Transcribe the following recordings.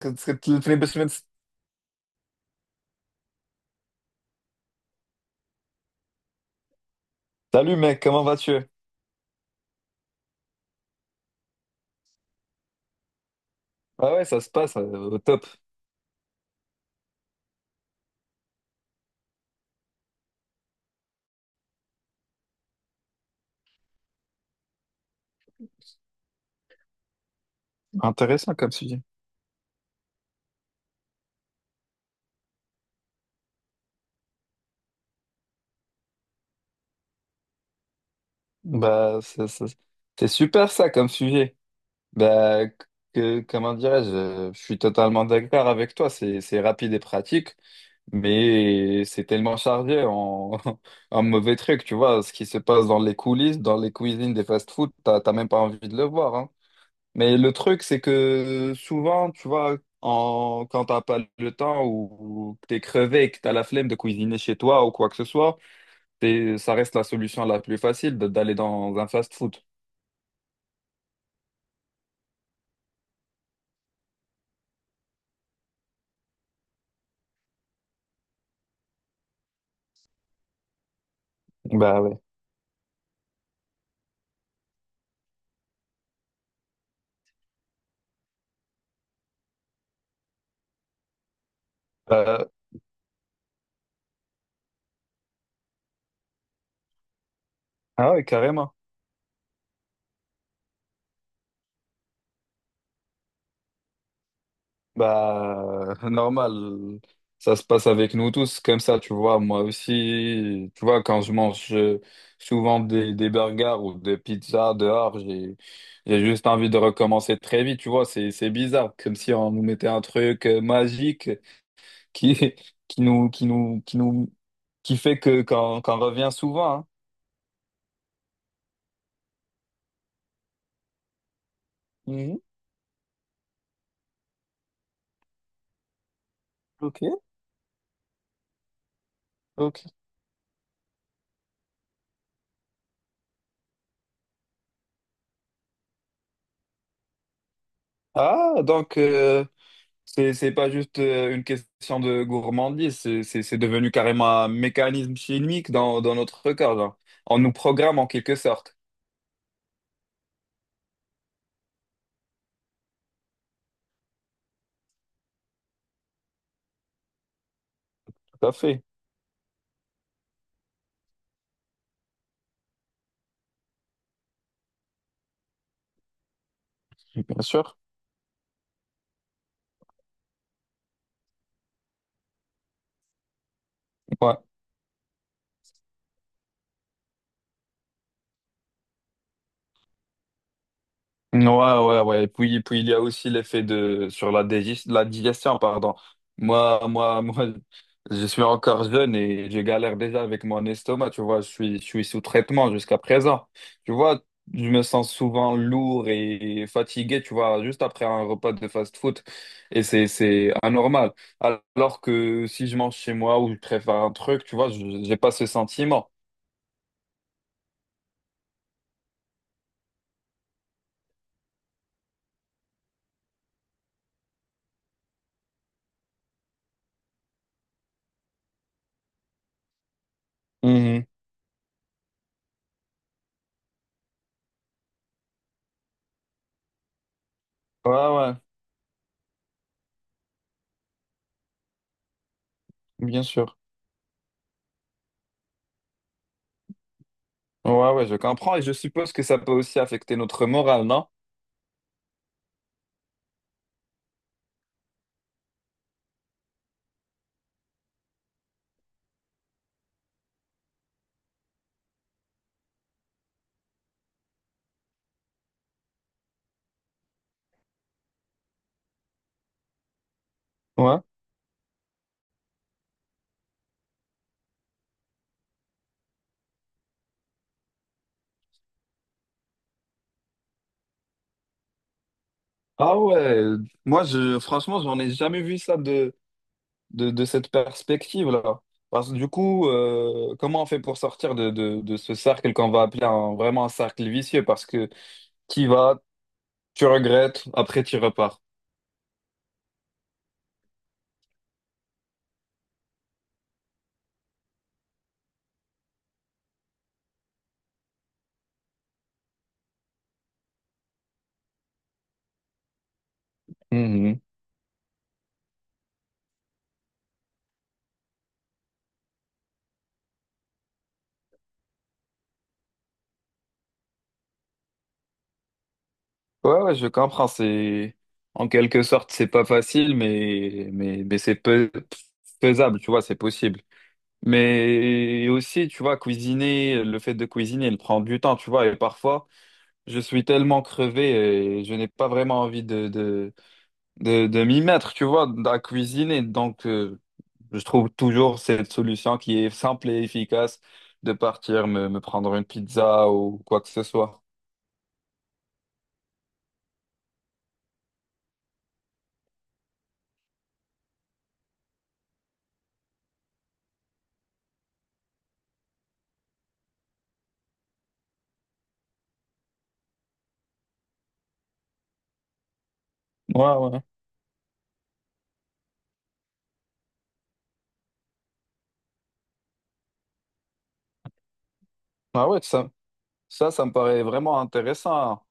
Que tu fais 2 semaines. Salut mec, comment vas-tu? Ah ouais, ça se passe au top. Intéressant comme sujet. Bah, c'est super ça comme sujet. Bah, comment dirais-je, je suis totalement d'accord avec toi. C'est rapide et pratique, mais c'est tellement chargé en, en mauvais trucs. Tu vois, ce qui se passe dans les coulisses, dans les cuisines des fast-food, t'as même pas envie de le voir, hein. Mais le truc, c'est que souvent, tu vois, quand t'as pas le temps ou que t'es crevé et que t'as la flemme de cuisiner chez toi ou quoi que ce soit, ça reste la solution la plus facile d'aller dans un fast-food. Bah ouais. Euh, ah oui, carrément. Bah, normal, ça se passe avec nous tous comme ça, tu vois. Moi aussi, tu vois, quand je mange souvent des burgers ou des pizzas dehors, j'ai juste envie de recommencer très vite, tu vois. C'est bizarre, comme si on nous mettait un truc magique qui, qui nous, qui nous, qui nous, qui fait que, qu'on revient souvent, hein. Mhm, ok, ok. Ah, donc, c'est pas juste une question de gourmandise, c'est devenu carrément un mécanisme chimique dans notre corps, genre. On nous programme en quelque sorte. Tout à fait, bien sûr. Ouais. Ouais, ouais, ouais. Et puis il y a aussi l'effet de sur la digestion, pardon. Moi, je suis encore jeune et je galère déjà avec mon estomac. Tu vois, je suis sous traitement jusqu'à présent. Tu vois, je me sens souvent lourd et fatigué. Tu vois, juste après un repas de fast-food, et c'est anormal. Alors que si je mange chez moi ou je prépare un truc, tu vois, j'ai pas ce sentiment. Mhm. Ouais, ouais, bien sûr. Ouais, ouais, je comprends et je suppose que ça peut aussi affecter notre morale, non? Ouais. Ah ouais, moi je franchement j'en ai jamais vu ça de cette perspective-là. Parce que du coup, comment on fait pour sortir de ce cercle qu'on va appeler vraiment un cercle vicieux? Parce que tu vas, tu regrettes, après tu repars. Mhm. Ouais, ouais, je comprends. C'est en quelque sorte c'est pas facile, mais c'est faisable, tu vois, c'est possible. Mais aussi, tu vois, cuisiner, le fait de cuisiner, il prend du temps, tu vois, et parfois, je suis tellement crevé et je n'ai pas vraiment envie de m'y mettre, tu vois, à cuisiner. Donc, je trouve toujours cette solution qui est simple et efficace de partir me prendre une pizza ou quoi que ce soit. Ouais, ouais. Ah ouais, ça me paraît vraiment intéressant.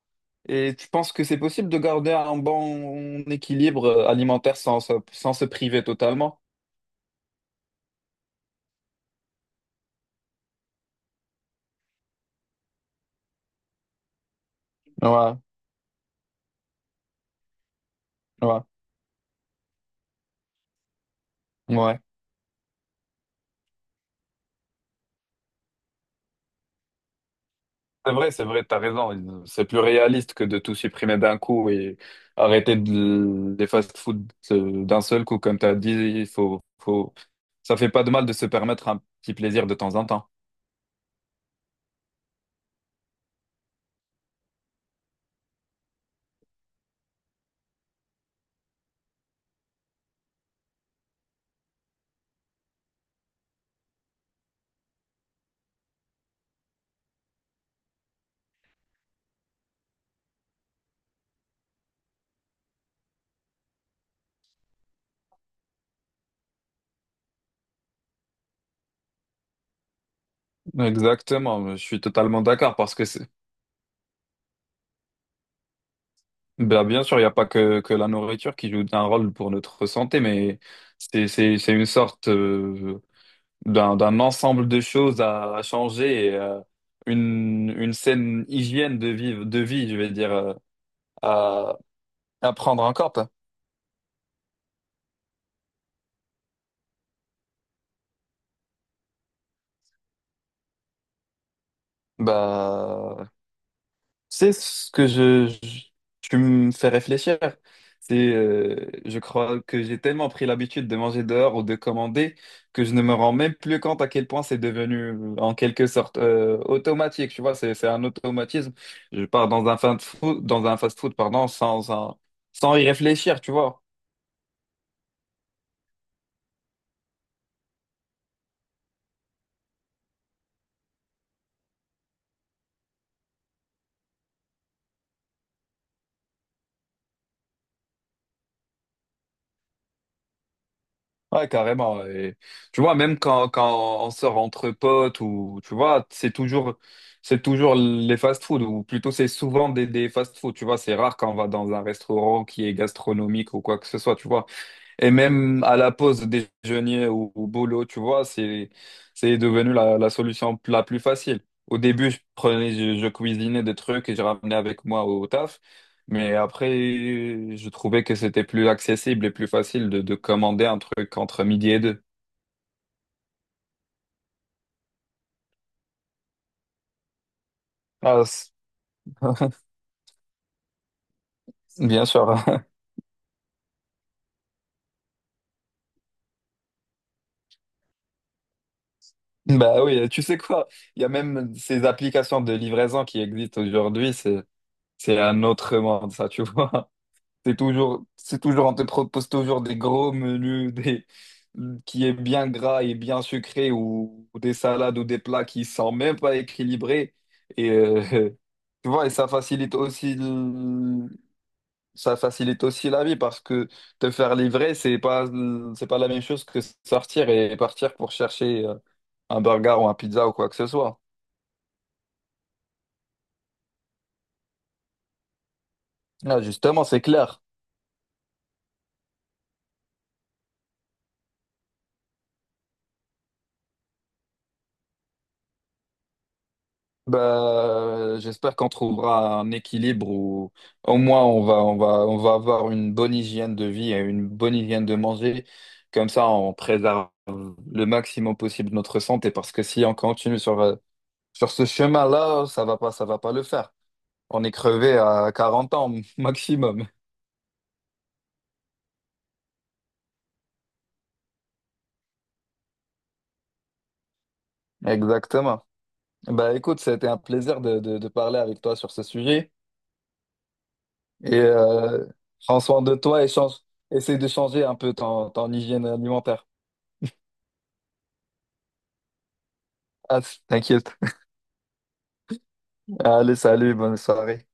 Et tu penses que c'est possible de garder un bon équilibre alimentaire sans se priver totalement? Ouais. Ouais, ouais. C'est vrai, t'as raison. C'est plus réaliste que de tout supprimer d'un coup et arrêter des fast-food d'un seul coup. Comme t'as dit, il faut. Ça fait pas de mal de se permettre un petit plaisir de temps en temps. Exactement, je suis totalement d'accord parce que c'est. Ben, bien sûr, il n'y a pas que la nourriture qui joue un rôle pour notre santé, mais c'est une sorte d'un ensemble de choses à changer et une saine hygiène de vie, je vais dire, à, à prendre en compte. Bah, c'est ce que tu me fais réfléchir, je crois que j'ai tellement pris l'habitude de manger dehors ou de commander que je ne me rends même plus compte à quel point c'est devenu en quelque sorte automatique. Tu vois, c'est un automatisme. Je pars dans un fast food, dans un fast food, pardon, sans y réfléchir, tu vois. Ouais, carrément. Et, tu vois, même quand on sort entre potes ou tu vois, c'est toujours les fast-food ou plutôt c'est souvent des fast-food. Tu vois, c'est rare quand on va dans un restaurant qui est gastronomique ou quoi que ce soit. Tu vois, et même à la pause déjeuner ou au boulot, tu vois, c'est devenu la solution la plus facile. Au début, je cuisinais des trucs et je ramenais avec moi au taf. Mais après, je trouvais que c'était plus accessible et plus facile de commander un truc entre midi et deux. Ah, Bien sûr. Bah oui, tu sais quoi? Il y a même ces applications de livraison qui existent aujourd'hui. C'est un autre monde, ça, tu vois. C'est toujours, on te propose toujours des gros menus, qui est bien gras et bien sucré, ou des salades ou des plats qui sont même pas équilibrés. Et tu vois, et ça facilite aussi la vie parce que te faire livrer, c'est pas la même chose que sortir et partir pour chercher un burger ou un pizza ou quoi que ce soit. Là, justement, c'est clair. Bah, j'espère qu'on trouvera un équilibre où au moins on va avoir une bonne hygiène de vie et une bonne hygiène de manger. Comme ça, on préserve le maximum possible notre santé parce que si on continue sur ce chemin-là, ça va pas le faire. On est crevé à 40 ans maximum. Exactement. Bah, écoute, c'était un plaisir de parler avec toi sur ce sujet et prends soin de toi et essaie de changer un peu ton hygiène alimentaire. Ah, t'inquiète. Allez, salut, bonne soirée.